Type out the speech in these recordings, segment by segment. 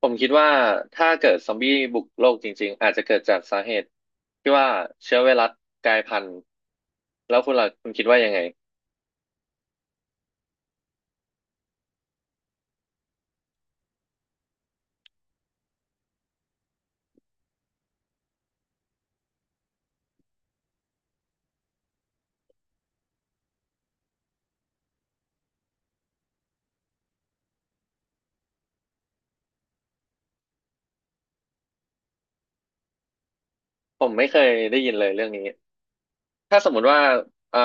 ผมคิดว่าถ้าเกิดซอมบี้บุกโลกจริงๆอาจจะเกิดจากสาเหตุที่ว่าเชื้อไวรัสกลายพันธุ์แล้วคุณล่ะคุณคิดว่ายังไงผมไม่เคยได้ยินเลยเรื่องนี้ถ้าสมมุติว่าอ่า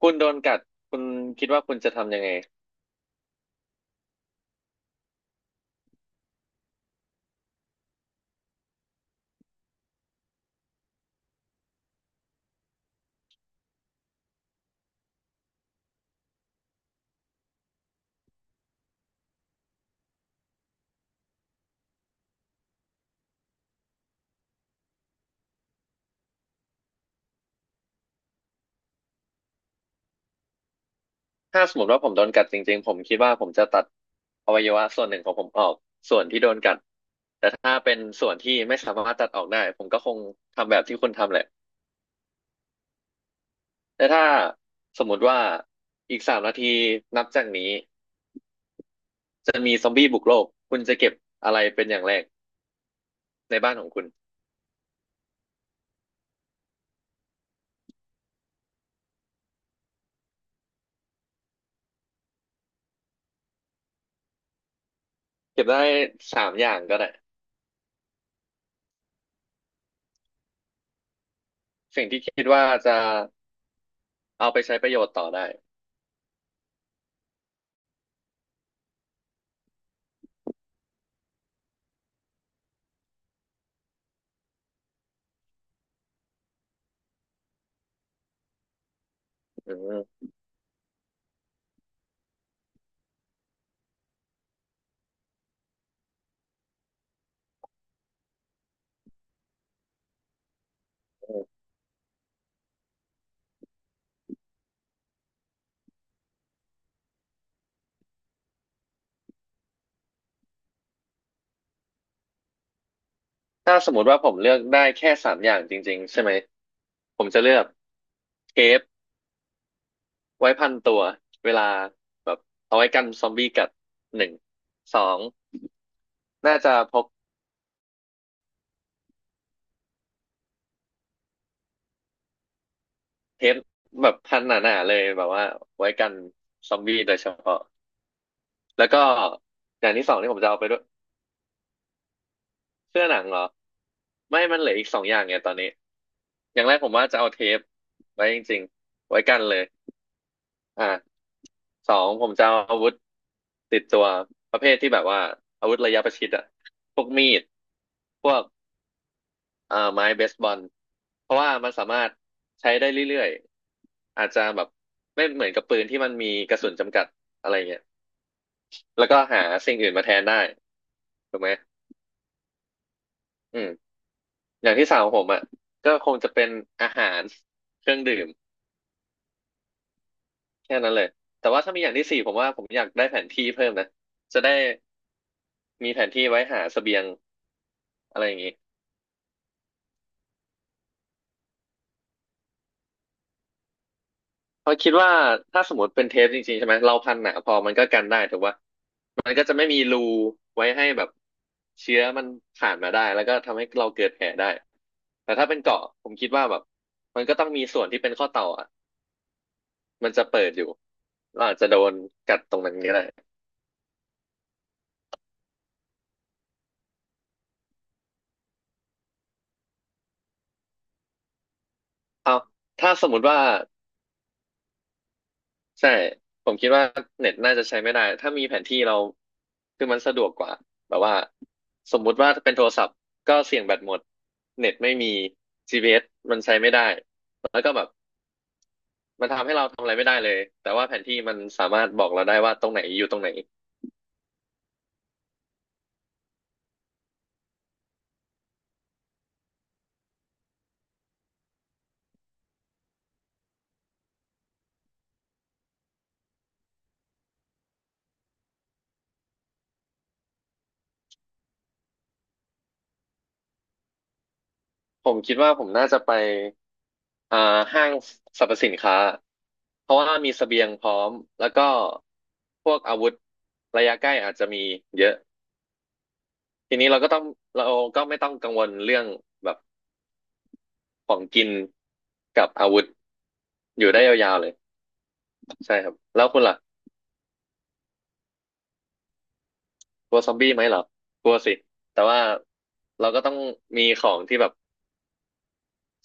คุณโดนกัดคุณคิดว่าคุณจะทำยังไงถ้าสมมติว่าผมโดนกัดจริงๆผมคิดว่าผมจะตัดอวัยวะส่วนหนึ่งของผมออกส่วนที่โดนกัดแต่ถ้าเป็นส่วนที่ไม่สามารถตัดออกได้ผมก็คงทำแบบที่คุณทำแหละแต่ถ้าสมมติว่าอีกสามนาทีนับจากนี้ จะมีซอมบี้บุกโลกคุณจะเก็บอะไรเป็นอย่างแรกในบ้านของคุณเก็บได้สามอย่างก็ได้สิ่งที่คิดว่าจะเอาไปใช้ประโยชน์ต่อได้อืมถ้าสมมติว่าผมเลือกได้แค่สามอย่างจริงๆใช่ไหมผมจะเลือกเทปไว้พันตัวเวลาแบบเอาไว้กันซอมบี้กัดหนึ่งสองน่าจะพกเทปแบบพันหนาๆเลยแบบว่าไว้กันซอมบี้โดยเฉพาะแล้วก็อย่างที่สองที่ผมจะเอาไปด้วย เสื้อหนังเหรอไม่มันเหลืออีกสองอย่างไงตอนนี้อย่างแรกผมว่าจะเอาเทปไว้จริงๆไว้กันเลยอ่าสองผมจะเอาอาวุธติดตัวประเภทที่แบบว่าอาวุธระยะประชิดอะพวกมีดพวกไม้เบสบอลเพราะว่ามันสามารถใช้ได้เรื่อยๆอาจจะแบบไม่เหมือนกับปืนที่มันมีกระสุนจำกัดอะไรเงี้ยแล้วก็หาสิ่งอื่นมาแทนได้ถูกไหมอืมอย่างที่สามของผมอ่ะก็คงจะเป็นอาหารเครื่องดื่ม แค่นั้นเลยแต่ว่าถ้ามีอย่างที่สี่ผมว่าผมอยากได้แผนที่เพิ่มนะจะได้มีแผนที่ไว้หาเสบียงอะไรอย่างนี้เพราะคิดว่าถ้าสมมติเป็นเทปจริงๆใช่ไหมเราพันหนาพอมันก็กันได้ถูกป่ะมันก็จะไม่มีรูไว้ให้แบบเชื้อมันผ่านมาได้แล้วก็ทำให้เราเกิดแผลได้แต่ถ้าเป็นเกาะผมคิดว่าแบบมันก็ต้องมีส่วนที่เป็นข้อต่ออ่ะมันจะเปิดอยู่เราอาจจะโดนกัดตรงนั้นก็ได้เอาถ้าสมมติว่า ใช่ผมคิดว่าเน็ตน่าจะใช้ไม่ได้ถ้ามีแผนที่เราคือมันสะดวกกว่าแบบว่าสมมุติว่าเป็นโทรศัพท์ก็เสี่ยงแบตหมดเน็ตไม่มี GPS มันใช้ไม่ได้แล้วก็แบบมันทำให้เราทำอะไรไม่ได้เลยแต่ว่าแผนที่มันสามารถบอกเราได้ว่าตรงไหนอยู่ตรงไหนผมคิดว่าผมน่าจะไปอ่าห้างสรรพสินค้าเพราะว่ามีเสบียงพร้อมแล้วก็พวกอาวุธระยะใกล้อาจจะมีเยอะ ทีนี้เราก็ต้องเราไม่ต้องกังวลเรื่องแบบของกินกับอาวุธอยู่ได้ยาวๆเลยใช่ครับแล้วคุณล่ะกลัวซอมบี้ไหมเหรอกลัวสิแต่ว่าเราก็ต้องมีของที่แบบ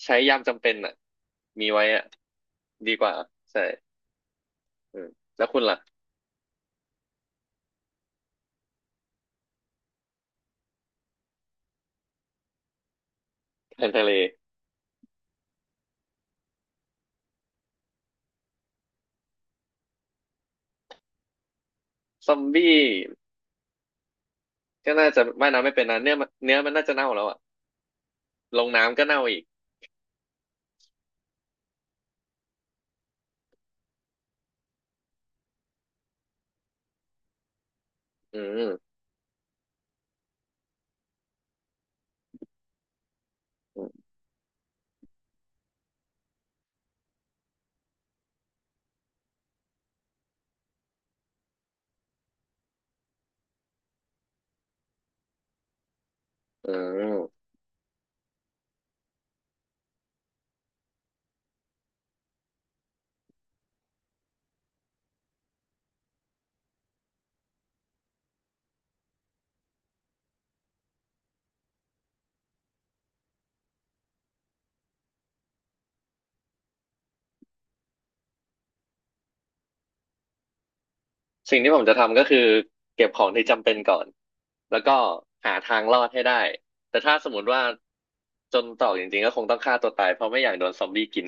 ใช้ยามจำเป็นอ่ะมีไว้อ่ะดีกว่าใช่อืมแล้วคุณล่ะแทนทะเลซอมบี้ก็น่าจะว่ายน้ำไม่เป็นนะเนื้อมันน่าจะเน่าแล้วอ่ะลงน้ำก็เน่าอีกอืมอืมอืม สิ่งที่ผมจะทำก็คือเก็บของที่จำเป็นก่อนแล้วก็หาทางรอดให้ได้แต่ถ้าสมมติว่าจนตรอกจริงๆก็คงต้องฆ่าตัวตายเพราะไม่อยากโดนซอมบี้กิน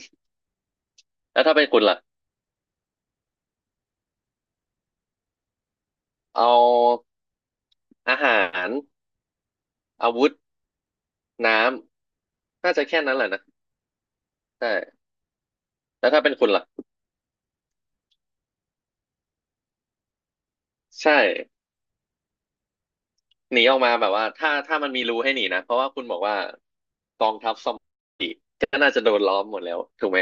แล้วถ้าเป็นคุณล่ะเอาอาหารอาวุธน้ำน่าจะแค่นั้นแหละนะใช่แล้วถ้าเป็นคุณล่ะใช่หนีออกมาแบบว่าถ้ามันมีรูให้หนีนะเพราะว่าคุณบอกว่าก็น่าจะโดนล้อมหมดแล้วถูกไหม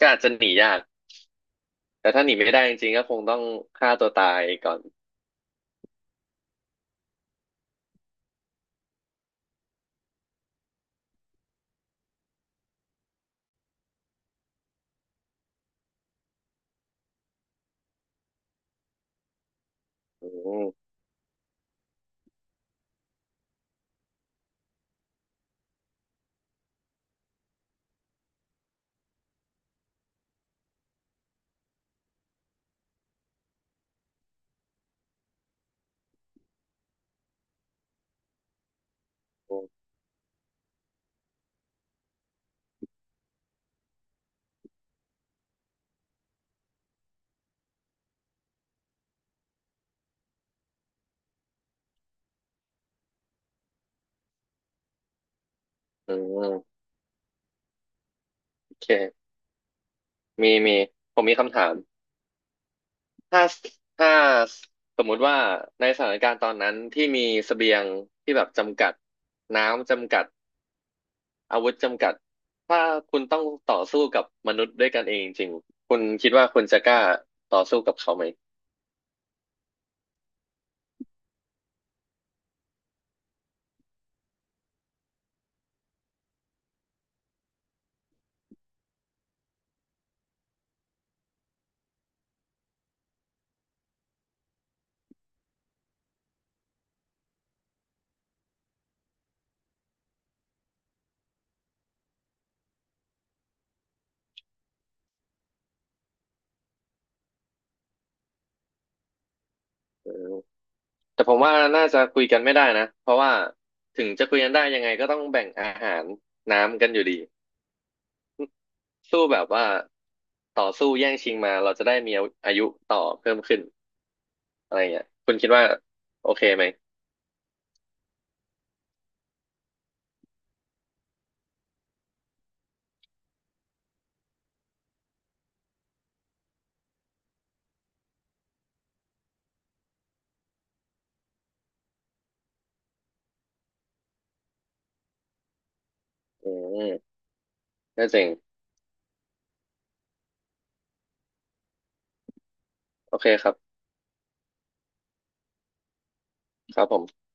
ก็อาจจะหนียากแต่ถ้าหนีไม่ได้จริงๆก็คงต้องฆ่าตัวตายก่อนอืม อืมโอเคมีผมมีคำถามถ้าถ้าสมมุติว่าในสถานการณ์ตอนนั้นที่มีเสบียงที่แบบจำกัดน้ำจำกัดอาวุธจำกัดถ้าคุณต้องต่อสู้กับมนุษย์ด้วยกันเองจริงๆคุณคิดว่าคุณจะกล้าต่อสู้กับเขาไหมแต่ผมว่าน่าจะคุยกันไม่ได้นะเพราะว่าถึงจะคุยกันได้ยังไงก็ต้องแบ่งอาหารน้ำกันอยู่ดีสู้แบบว่าต่อสู้แย่งชิงมาเราจะได้มีอายุต่อเพิ่มขึ้น อะไรเงี้ยคุณคิดว่าโอเคไหมอืมก็จริงโอเคครับครับผม